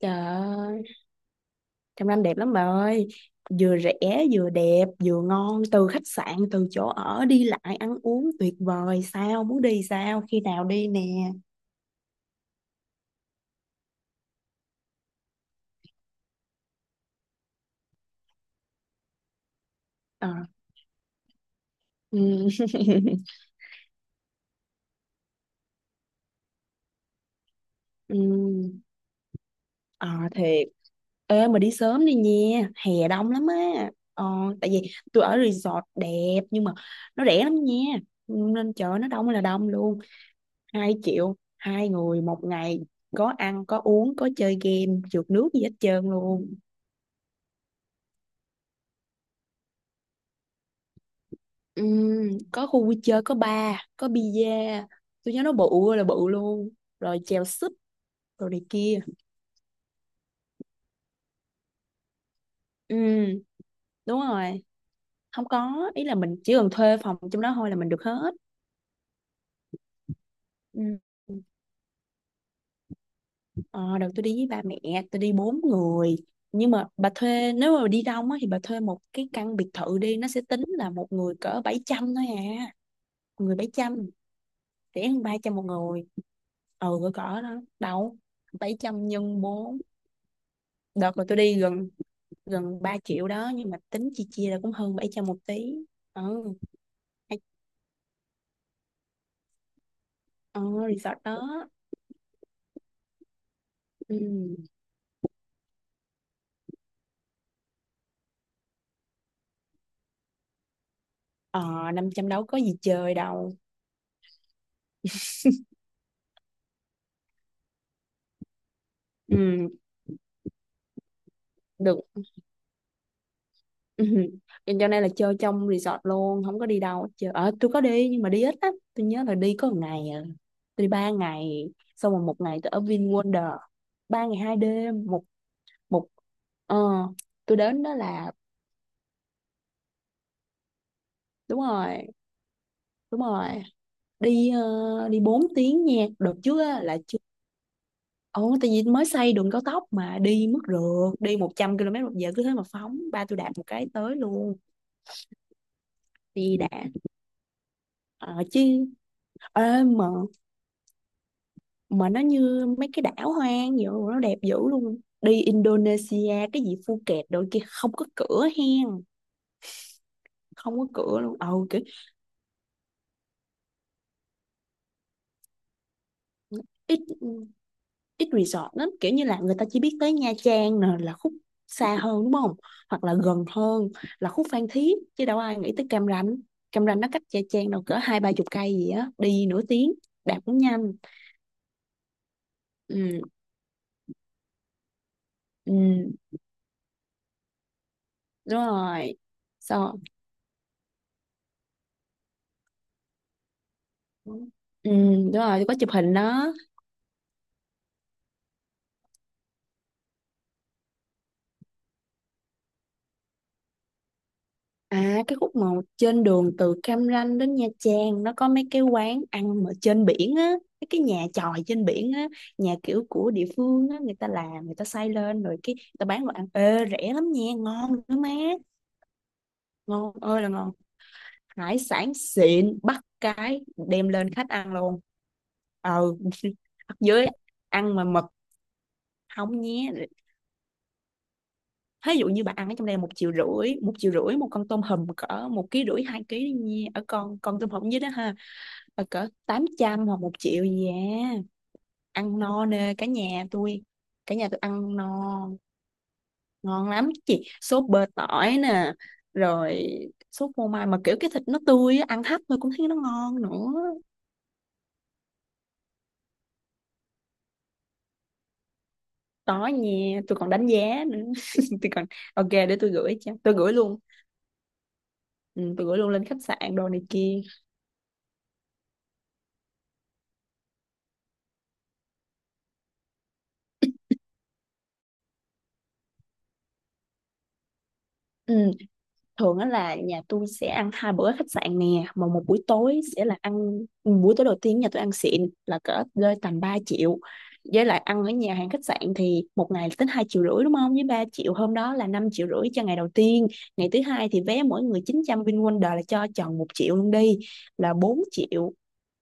Trời ơi, trong Nam đẹp lắm bà ơi. Vừa rẻ, vừa đẹp, vừa ngon. Từ khách sạn, từ chỗ ở, đi lại, ăn uống tuyệt vời. Sao, muốn đi sao, khi nào đi nè. Ờ, ừ. Ừ. Ờ, thiệt. Ê, mà đi sớm đi nha. Hè đông lắm á. Ờ, tại vì tôi ở resort đẹp, nhưng mà nó rẻ lắm nha. Ừ, nên chợ nó đông là đông luôn. 2 triệu, 2 người 1 ngày. Có ăn, có uống, có chơi game, trượt nước gì hết trơn luôn. Ừ, có khu vui chơi, có bar, có bia, tôi nhớ nó bự ơi là bự luôn, rồi chèo súp rồi này kia. Ừ, đúng rồi, không, có ý là mình chỉ cần thuê phòng trong đó thôi là mình được hết. Ừ. Ờ, đợt tôi đi với ba mẹ tôi đi 4 người, nhưng mà bà thuê, nếu mà đi đông á, thì bà thuê một cái căn biệt thự đi, nó sẽ tính là một người cỡ 700 thôi à. Một người 700, rẻ hơn 300 một người. Ừ cỡ cỡ đó. Đâu, 700 nhân 4. Đợt mà tôi đi gần, gần 3 triệu đó, nhưng mà tính chia chia là cũng hơn 700 một tí. Ừ, hay ừ, resort đó. Ừ. Ờ, 500 đâu có gì chơi đâu. Ừ, được. Ừ. Cho nên là chơi trong resort luôn, không có đi đâu hết chơi. Ờ, tôi có đi nhưng mà đi ít lắm, tôi nhớ là đi có 1 ngày à. Tôi đi 3 ngày, xong rồi 1 ngày tôi ở VinWonder. 3 ngày 2 đêm, một, một, ờ. Tôi đến đó là đúng rồi, đúng rồi. Đi, ờ, đi 4 tiếng nha, đợt trước á, là chưa. Ồ, tại vì mới xây đường cao tốc mà đi mất rượt, đi 100 km một giờ cứ thế mà phóng, ba tôi đạp một cái tới luôn. Đi đã. Ờ, chứ. Ê, mà nó như mấy cái đảo hoang vậy, nó đẹp dữ luôn. Đi Indonesia cái gì Phuket đôi kia không có cửa hen. Không có cửa luôn. Ồ kiểu, ít, ít resort lắm, kiểu như là người ta chỉ biết tới Nha Trang nè, là khúc xa hơn đúng không, hoặc là gần hơn, là khúc Phan Thiết, chứ đâu ai nghĩ tới Cam Ranh. Cam Ranh nó cách Nha Trang đâu cỡ hai ba chục cây gì á, đi nửa tiếng, đạp cũng nhanh. Ừ, ừ, đúng rồi. Sao, ừ đúng rồi, có chụp hình đó. À, cái khúc mà trên đường từ Cam Ranh đến Nha Trang nó có mấy cái quán ăn mà trên biển á, mấy cái nhà chòi trên biển á, nhà kiểu của địa phương á, người ta làm, người ta xây lên rồi cái người ta bán đồ ăn, ê rẻ lắm nha, ngon nữa má. Ngon ơi là ngon. Hải sản xịn, bắt cái đem lên khách ăn luôn. Ờ. Ở dưới ăn mà mực không nhé. Ví dụ như bạn ăn ở trong đây 1,5 triệu, một triệu rưỡi một con tôm hùm cỡ 1,5 ký 2 ký đi nha. Ở con tôm hùm dưới đó ha, ờ, cỡ 800 hoặc 1 triệu gì à. Ăn no nè cả nhà tôi, cả nhà tôi ăn no. Ngon lắm chị, sốt bơ tỏi nè, rồi sốt phô mai, mà kiểu cái thịt nó tươi á, ăn hấp thôi cũng thấy nó ngon nữa. Đó nha, tôi còn đánh giá nữa. Tôi còn, ok để tôi gửi, cho tôi gửi luôn. Ừ, tôi gửi luôn lên khách sạn đồ này kia. Ừ. Thường á là nhà tôi sẽ ăn 2 bữa ở khách sạn nè, mà một buổi tối sẽ là ăn, buổi tối đầu tiên nhà tôi ăn xịn là cỡ rơi tầm 3 triệu. Với lại ăn ở nhà hàng khách sạn thì 1 ngày là tính 2,5 triệu đúng không, với 3 triệu hôm đó là 5,5 triệu cho ngày đầu tiên. Ngày thứ hai thì vé mỗi người 900, VinWonder là cho tròn 1 triệu luôn đi, là 4 triệu.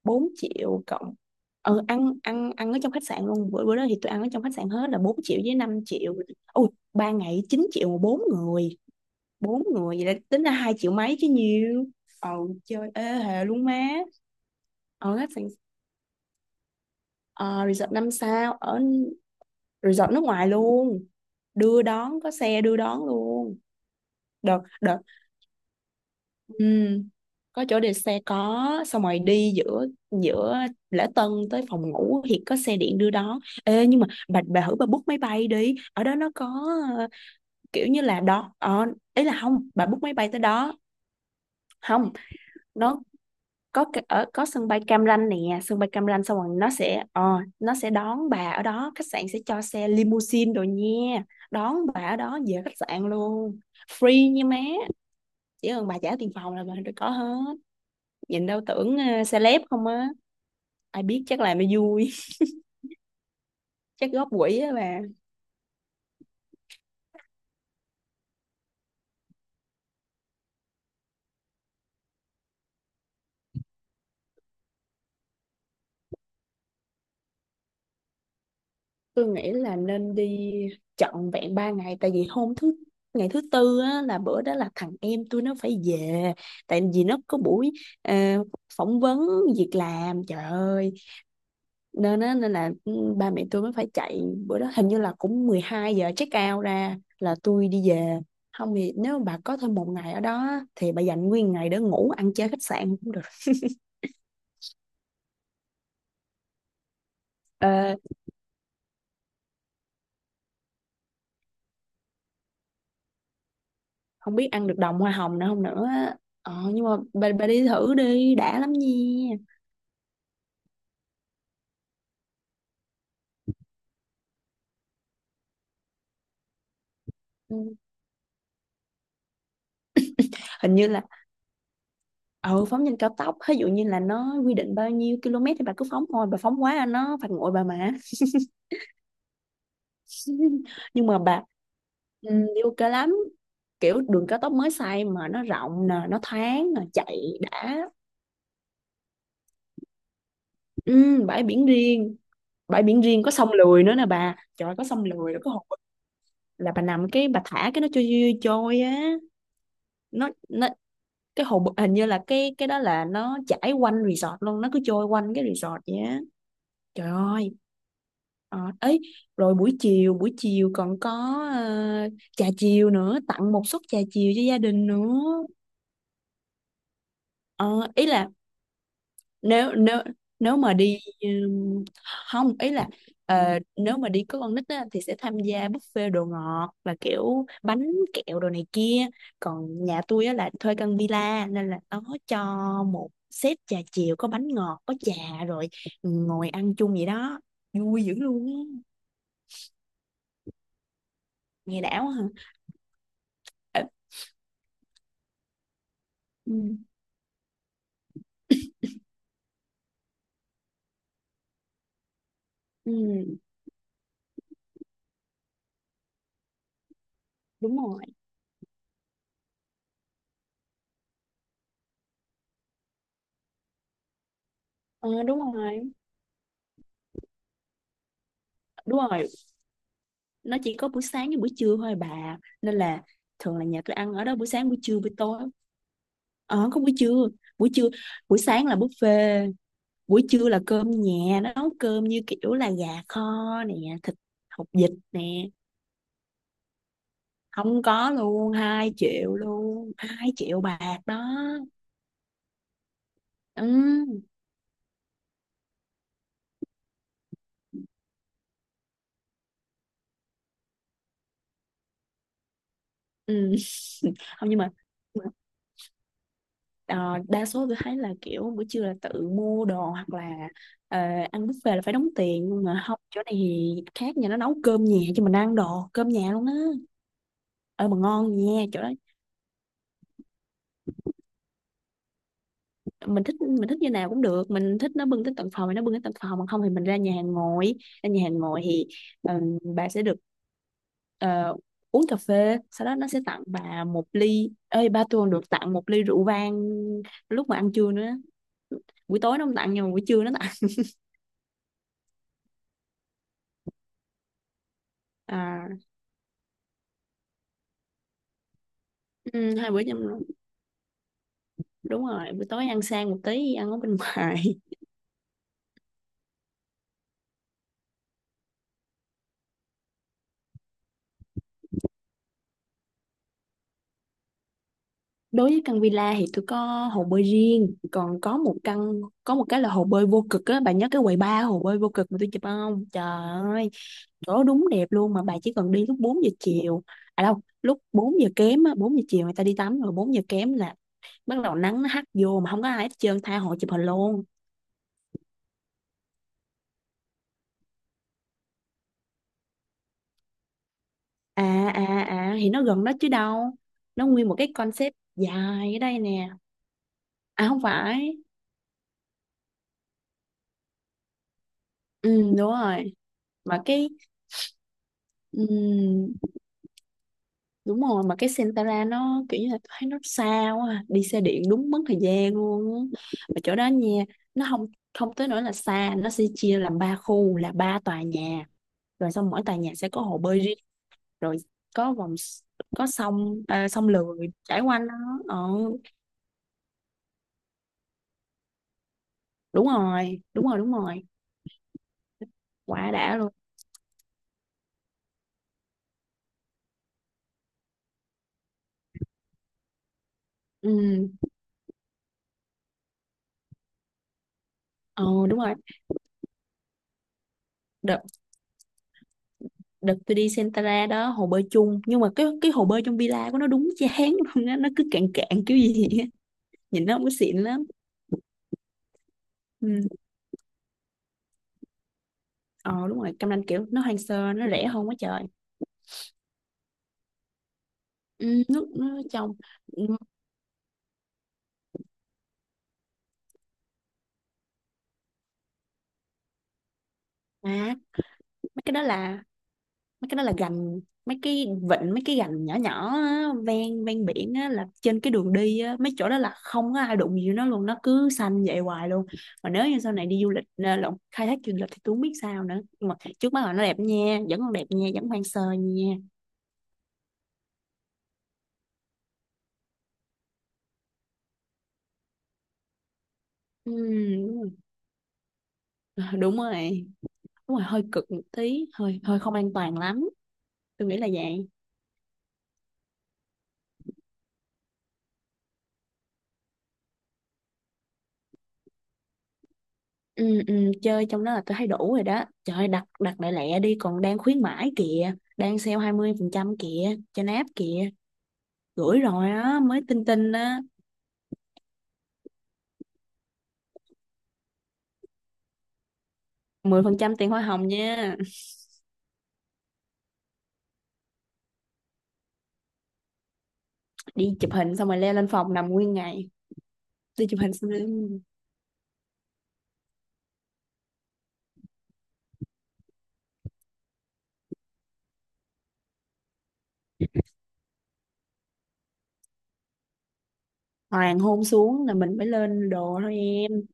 Bốn triệu cộng, ừ, ăn ăn ăn ở trong khách sạn luôn, bữa bữa đó thì tôi ăn ở trong khách sạn hết là 4 triệu với 5 triệu. Ui, 3 ngày 9 triệu mà 4 người. Bốn người vậy là tính là 2 triệu mấy chứ nhiều. Ồ, chơi ê hề luôn má. Ở khách sạn, ờ, resort 5 sao, ở resort nước ngoài luôn. Đưa đón, có xe đưa đón luôn. Được được. Ừm, có chỗ để xe, có. Xong rồi đi giữa giữa lễ tân tới phòng ngủ thì có xe điện đưa đón. Ê nhưng mà bà thử bà book máy bay đi, ở đó nó có, ờ, kiểu như là đó, ờ, ý là không, bà book máy bay tới đó. Không, nó có cái- ở có sân bay Cam Ranh nè, sân bay Cam Ranh xong rồi nó sẽ, ờ, nó sẽ đón bà ở đó, khách sạn sẽ cho xe limousine rồi nha, đón bà ở đó về khách sạn luôn, free nha má. Chỉ cần bà trả tiền phòng là bà được có hết. Nhìn đâu tưởng, ờ, celeb không á. Ai biết, chắc làm nó vui. Chắc góp quỹ á bà. Tôi nghĩ là nên đi trọn vẹn 3 ngày, tại vì hôm thứ, ngày thứ tư á, là bữa đó là thằng em tôi nó phải về, tại vì nó có buổi, ờ, phỏng vấn việc làm trời ơi. Nên á, nên là ừ, ba mẹ tôi mới phải chạy. Bữa đó hình như là cũng 12 giờ check out ra là tôi đi về. Không thì nếu mà bà có thêm 1 ngày ở đó á, thì bà dành nguyên ngày để ngủ ăn chơi khách sạn cũng được. Ờ, không biết ăn được đồng hoa hồng nữa không nữa á. Ờ, nhưng mà bà đi thử đi đã lắm nha. Ừ. Hình như là, ừ phóng nhanh cao tốc, ví dụ như là nó quy định bao nhiêu km thì bà cứ phóng thôi, bà phóng quá nó phạt nguội bà mà. Nhưng mà bà, ừ, đi ok lắm, kiểu đường cao tốc mới xây mà nó rộng nè, nó thoáng nè, chạy đã. Ừ, bãi biển riêng, bãi biển riêng, có sông lười nữa nè bà, trời ơi, có sông lười rồi có hồ bơi. Là bà nằm cái bà thả cái nó trôi trôi trôi á. Nó cái hồ bơi- hình như là cái đó là nó chảy quanh resort luôn, nó cứ trôi quanh cái resort vậy á. Trời ơi. Ờ, ấy rồi buổi chiều, còn có, ờ, trà chiều nữa, tặng một suất trà chiều cho gia đình nữa. Ờ, ý là nếu nếu, nếu mà đi, không, ý là, ờ, nếu mà đi có con nít á, thì sẽ tham gia buffet đồ ngọt là kiểu bánh kẹo đồ này kia. Còn nhà tôi á, là thuê căn villa nên là nó cho một set trà chiều có bánh ngọt có trà, rồi ngồi ăn chung vậy đó, vui dữ luôn á. Nghe đảo hả? Ờ, ừ, ừ, đúng rồi. Ờ, đúng rồi. Đúng rồi. Nó chỉ có buổi sáng với buổi trưa thôi à bà. Nên là thường là nhà tôi ăn ở đó buổi sáng, buổi trưa, buổi tối. Ờ, có buổi trưa. Buổi trưa, buổi sáng là buffet. Buổi trưa là cơm nhà. Nó nấu cơm như kiểu là gà kho nè, thịt, hột vịt nè. Không có luôn, 2 triệu luôn. Hai triệu bạc đó. Ừ. Ừ. Không nhưng mà, ờ, đa số tôi thấy là kiểu buổi trưa là tự mua đồ hoặc là, ờ, ăn buffet là phải đóng tiền, nhưng mà không, chỗ này thì khác, nhà nó nấu cơm nhà cho mình ăn đồ cơm nhà luôn á. Ờ mà ngon nha chỗ đó. Mình thích, mình thích như nào cũng được, mình thích nó bưng tới tận phòng thì nó bưng tới tận phòng, mà không thì mình ra nhà hàng ngồi. Ra nhà hàng ngồi thì, ờ, bà sẽ được, ờ, uống cà phê, sau đó nó sẽ tặng bà một ly, ơi ba tôi còn được tặng một ly rượu vang lúc mà ăn trưa nữa. Buổi tối nó không tặng, nhưng mà buổi trưa nó tặng. À, ừ, hai bữa nhâm, đúng rồi, buổi tối ăn sang một tí ăn ở bên ngoài. Đối với căn villa thì tôi có hồ bơi riêng, còn có một căn có một cái là hồ bơi vô cực á, bà nhớ cái quầy ba hồ bơi vô cực mà tôi chụp không, trời ơi, chỗ đúng đẹp luôn. Mà bà chỉ cần đi lúc 4 giờ chiều, à đâu lúc 4 giờ kém á, 4 giờ chiều người ta đi tắm rồi, 4 giờ kém là bắt đầu nắng nó hắt vô mà không có ai hết trơn, tha hồ chụp hình luôn. À à à thì nó gần đó chứ đâu. Nó nguyên một cái concept dài ở đây nè. À không phải. Ừ đúng rồi, mà cái ừ, đúng rồi, mà cái Sentara nó kiểu như là tôi thấy nó xa quá à. Đi xe điện đúng mất thời gian luôn á. Mà chỗ đó nha, nó không không tới nỗi là xa, nó sẽ chia làm 3 khu là 3 tòa nhà, rồi xong mỗi tòa nhà sẽ có hồ bơi riêng, rồi có vòng s-, có sông, à, sông lười trải quanh nó. Ờ, đúng rồi, đúng rồi, đúng rồi. Quá đã luôn. Ừ ờ, đúng rồi. Đợt tôi đi Sentara đó hồ bơi chung, nhưng mà cái hồ bơi trong villa của nó đúng chán luôn á, nó cứ cạn cạn kiểu gì á, nhìn nó không có xịn lắm. Ừ. Ờ đúng rồi, Cam Ranh kiểu nó hoang sơ, nó rẻ hơn quá trời. Ừ, nước nó trong. Ừ, mà mấy cái đó là mấy cái đó là gành, mấy cái vịnh mấy cái gành nhỏ nhỏ á, ven ven biển á, là trên cái đường đi á, mấy chỗ đó là không có ai đụng gì nó luôn, nó cứ xanh vậy hoài luôn. Mà nếu như sau này đi du lịch à, lộn khai thác du lịch thì tôi không biết sao nữa, nhưng mà trước mắt là nó đẹp nha, vẫn còn đẹp nha, vẫn hoang sơ nha. Ừ, đúng rồi. Ờ, đúng rồi đúng rồi, hơi cực một tí, hơi hơi không an toàn lắm, tôi nghĩ là vậy. Ừ, ừ, chơi trong đó là tôi thấy đủ rồi đó, trời ơi, đặt đặt lại lẹ đi, còn đang khuyến mãi kìa, đang sale 20% kìa cho náp kìa. Gửi rồi đó, mới tin tin á, trăm tiền hoa hồng nha. Đi chụp hình xong rồi leo lên phòng nằm nguyên ngày. Đi chụp hình xong rồi hoàng hôn xuống là mình mới lên đồ thôi em.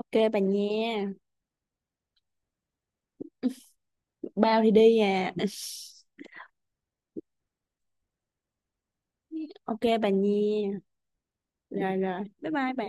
Ok bà nha, bao thì đi à. Ok bà nha, rồi rồi bye bye bà.